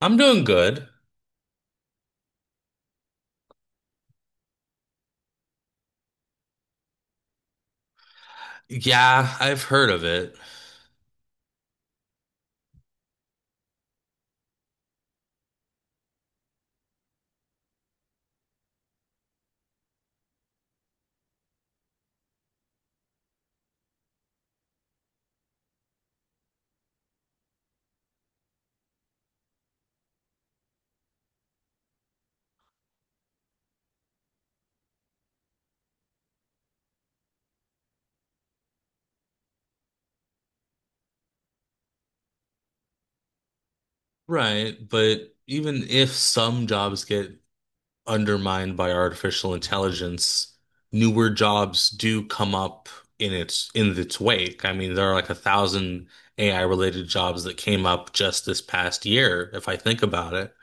I'm doing good. Yeah, I've heard of it. Right, but even if some jobs get undermined by artificial intelligence, newer jobs do come up in its wake. I mean, there are like a thousand AI related jobs that came up just this past year, if I think about it.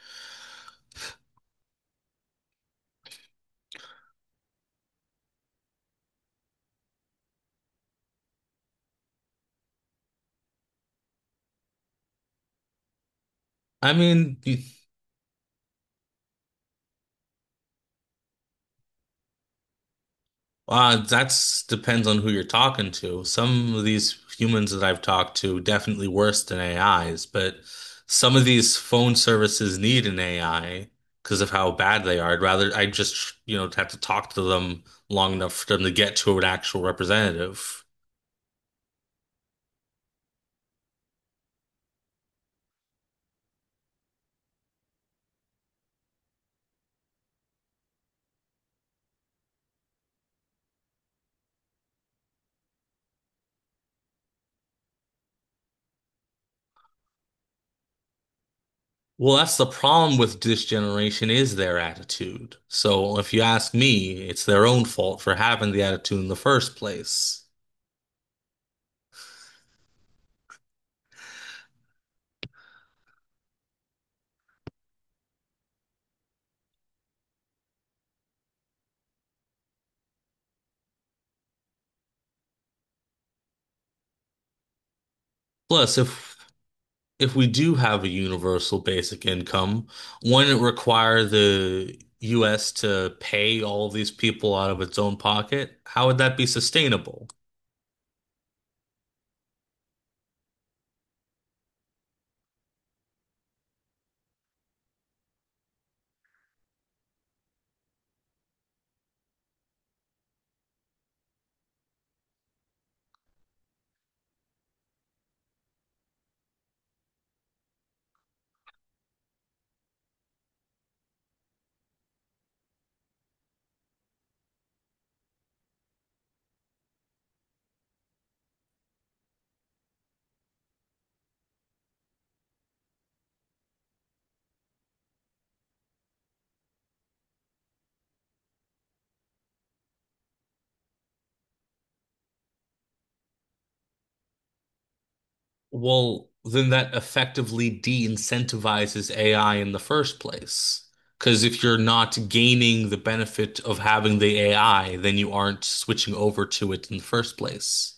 I mean, that's depends on who you're talking to. Some of these humans that I've talked to definitely worse than AIs, but some of these phone services need an AI because of how bad they are. I'd rather I just, you know, have to talk to them long enough for them to get to an actual representative. Well, that's the problem with this generation is their attitude. So if you ask me, it's their own fault for having the attitude in the first place. Plus, if we do have a universal basic income, wouldn't it require the US to pay all these people out of its own pocket? How would that be sustainable? Well, then that effectively de-incentivizes AI in the first place. Because if you're not gaining the benefit of having the AI, then you aren't switching over to it in the first place.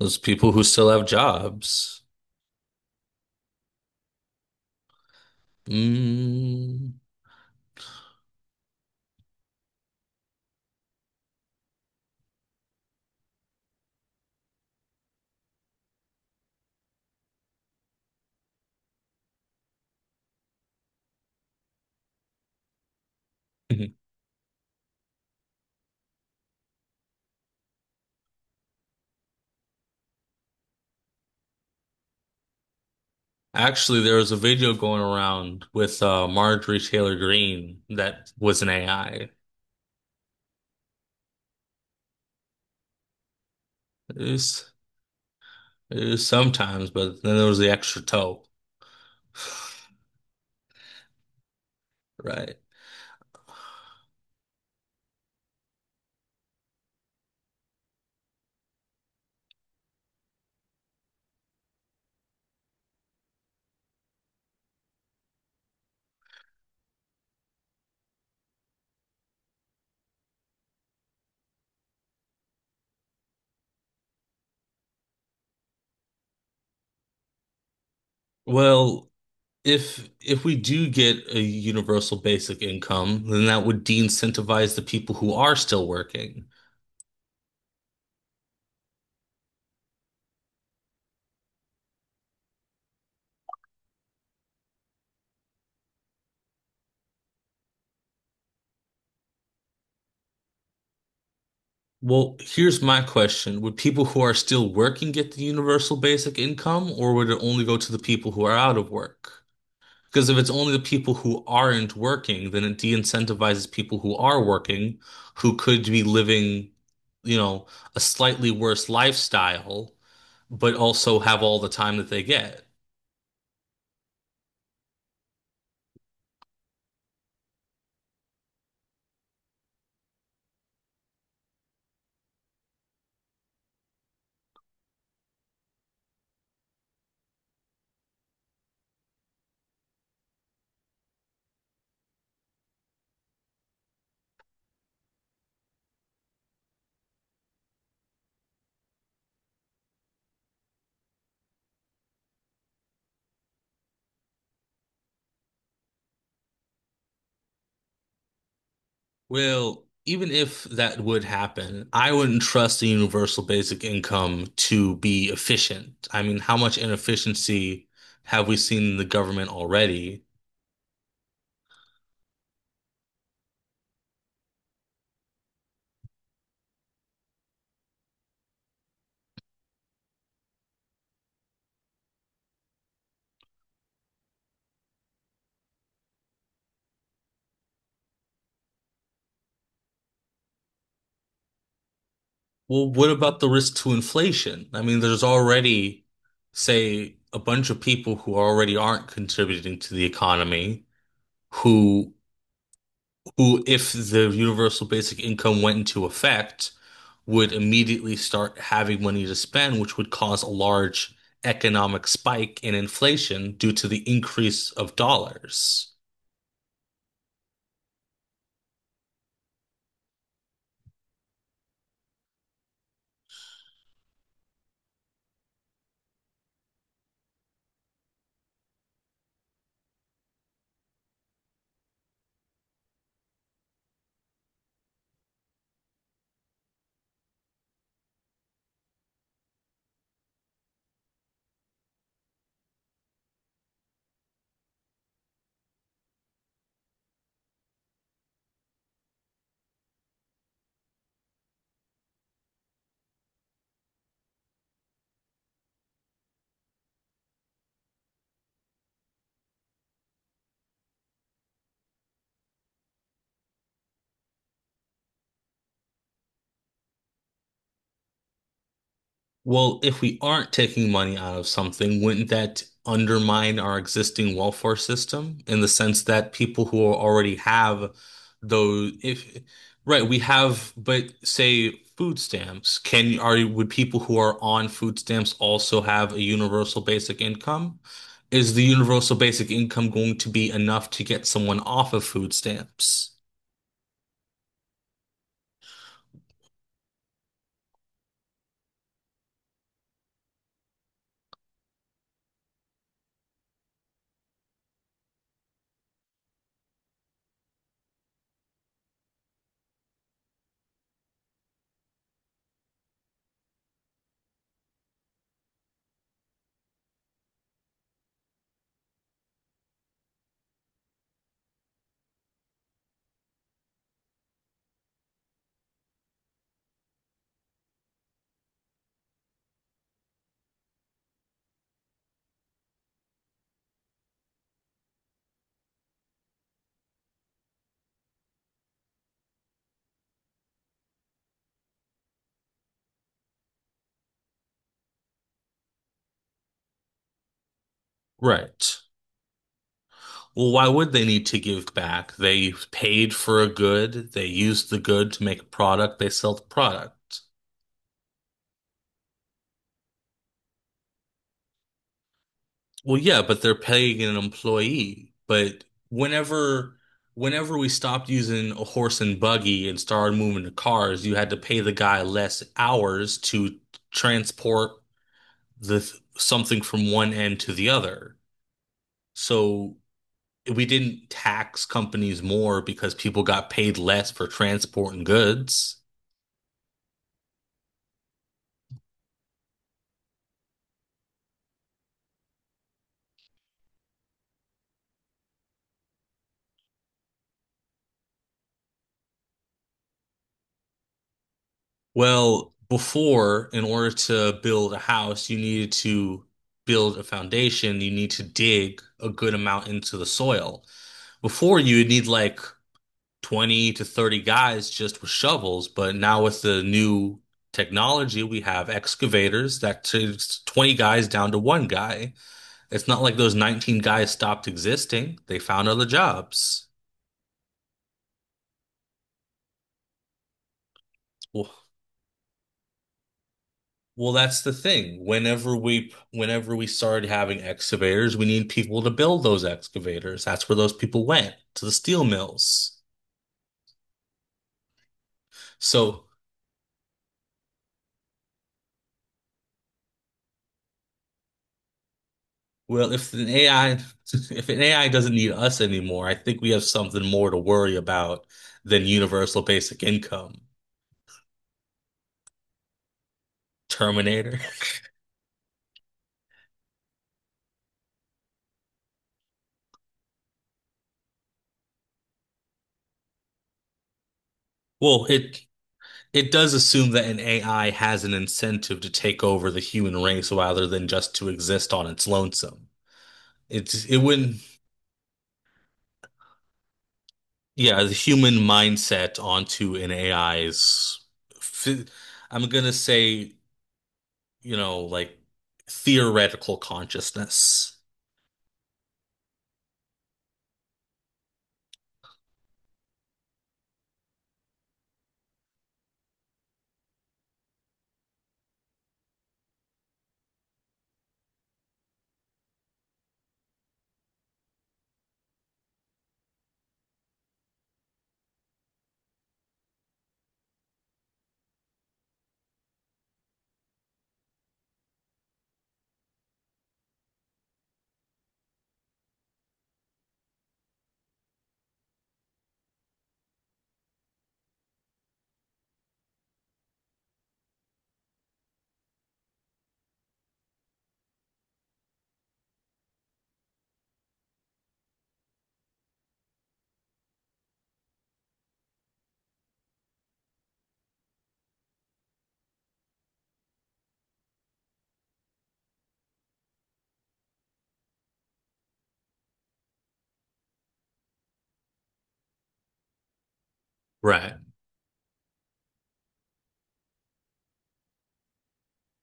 Those people who still have jobs. Mm. Actually, there was a video going around with Marjorie Taylor Greene that was an AI. It was, it was sometimes, but then there was the extra toe. Right. Well, if we do get a universal basic income, then that would de-incentivize the people who are still working. Well, here's my question. Would people who are still working get the universal basic income, or would it only go to the people who are out of work? Because if it's only the people who aren't working, then it de-incentivizes people who are working, who could be living, you know, a slightly worse lifestyle, but also have all the time that they get. Well, even if that would happen, I wouldn't trust the universal basic income to be efficient. I mean, how much inefficiency have we seen in the government already? Well, what about the risk to inflation? I mean, there's already, say, a bunch of people who already aren't contributing to the economy, who who, if the universal basic income went into effect, would immediately start having money to spend, which would cause a large economic spike in inflation due to the increase of dollars. Well, if we aren't taking money out of something, wouldn't that undermine our existing welfare system in the sense that people who already have those, if, right, we have, but say food stamps, can, are, would people who are on food stamps also have a universal basic income? Is the universal basic income going to be enough to get someone off of food stamps? Right. Well, why would they need to give back? They paid for a good, they used the good to make a product, they sell the product. Well, yeah, but they're paying an employee. But whenever whenever we stopped using a horse and buggy and started moving to cars, you had to pay the guy less hours to transport the something from one end to the other. So we didn't tax companies more because people got paid less for transporting goods. Well, before, in order to build a house, you needed to build a foundation. You need to dig a good amount into the soil. Before, you would need like 20 to 30 guys just with shovels. But now, with the new technology, we have excavators that takes 20 guys down to one guy. It's not like those 19 guys stopped existing, they found other jobs. Well, Well, that's the thing. Whenever we started having excavators, we need people to build those excavators. That's where those people went, to the steel mills. So, well, if an AI if an AI doesn't need us anymore, I think we have something more to worry about than universal basic income. Terminator. Well, it does assume that an AI has an incentive to take over the human race rather than just to exist on its lonesome. It's it wouldn't Yeah, the human mindset onto an AI's, phy- I'm gonna say, you know, like theoretical consciousness. Right.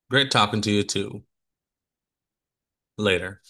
Great talking to you too. Later.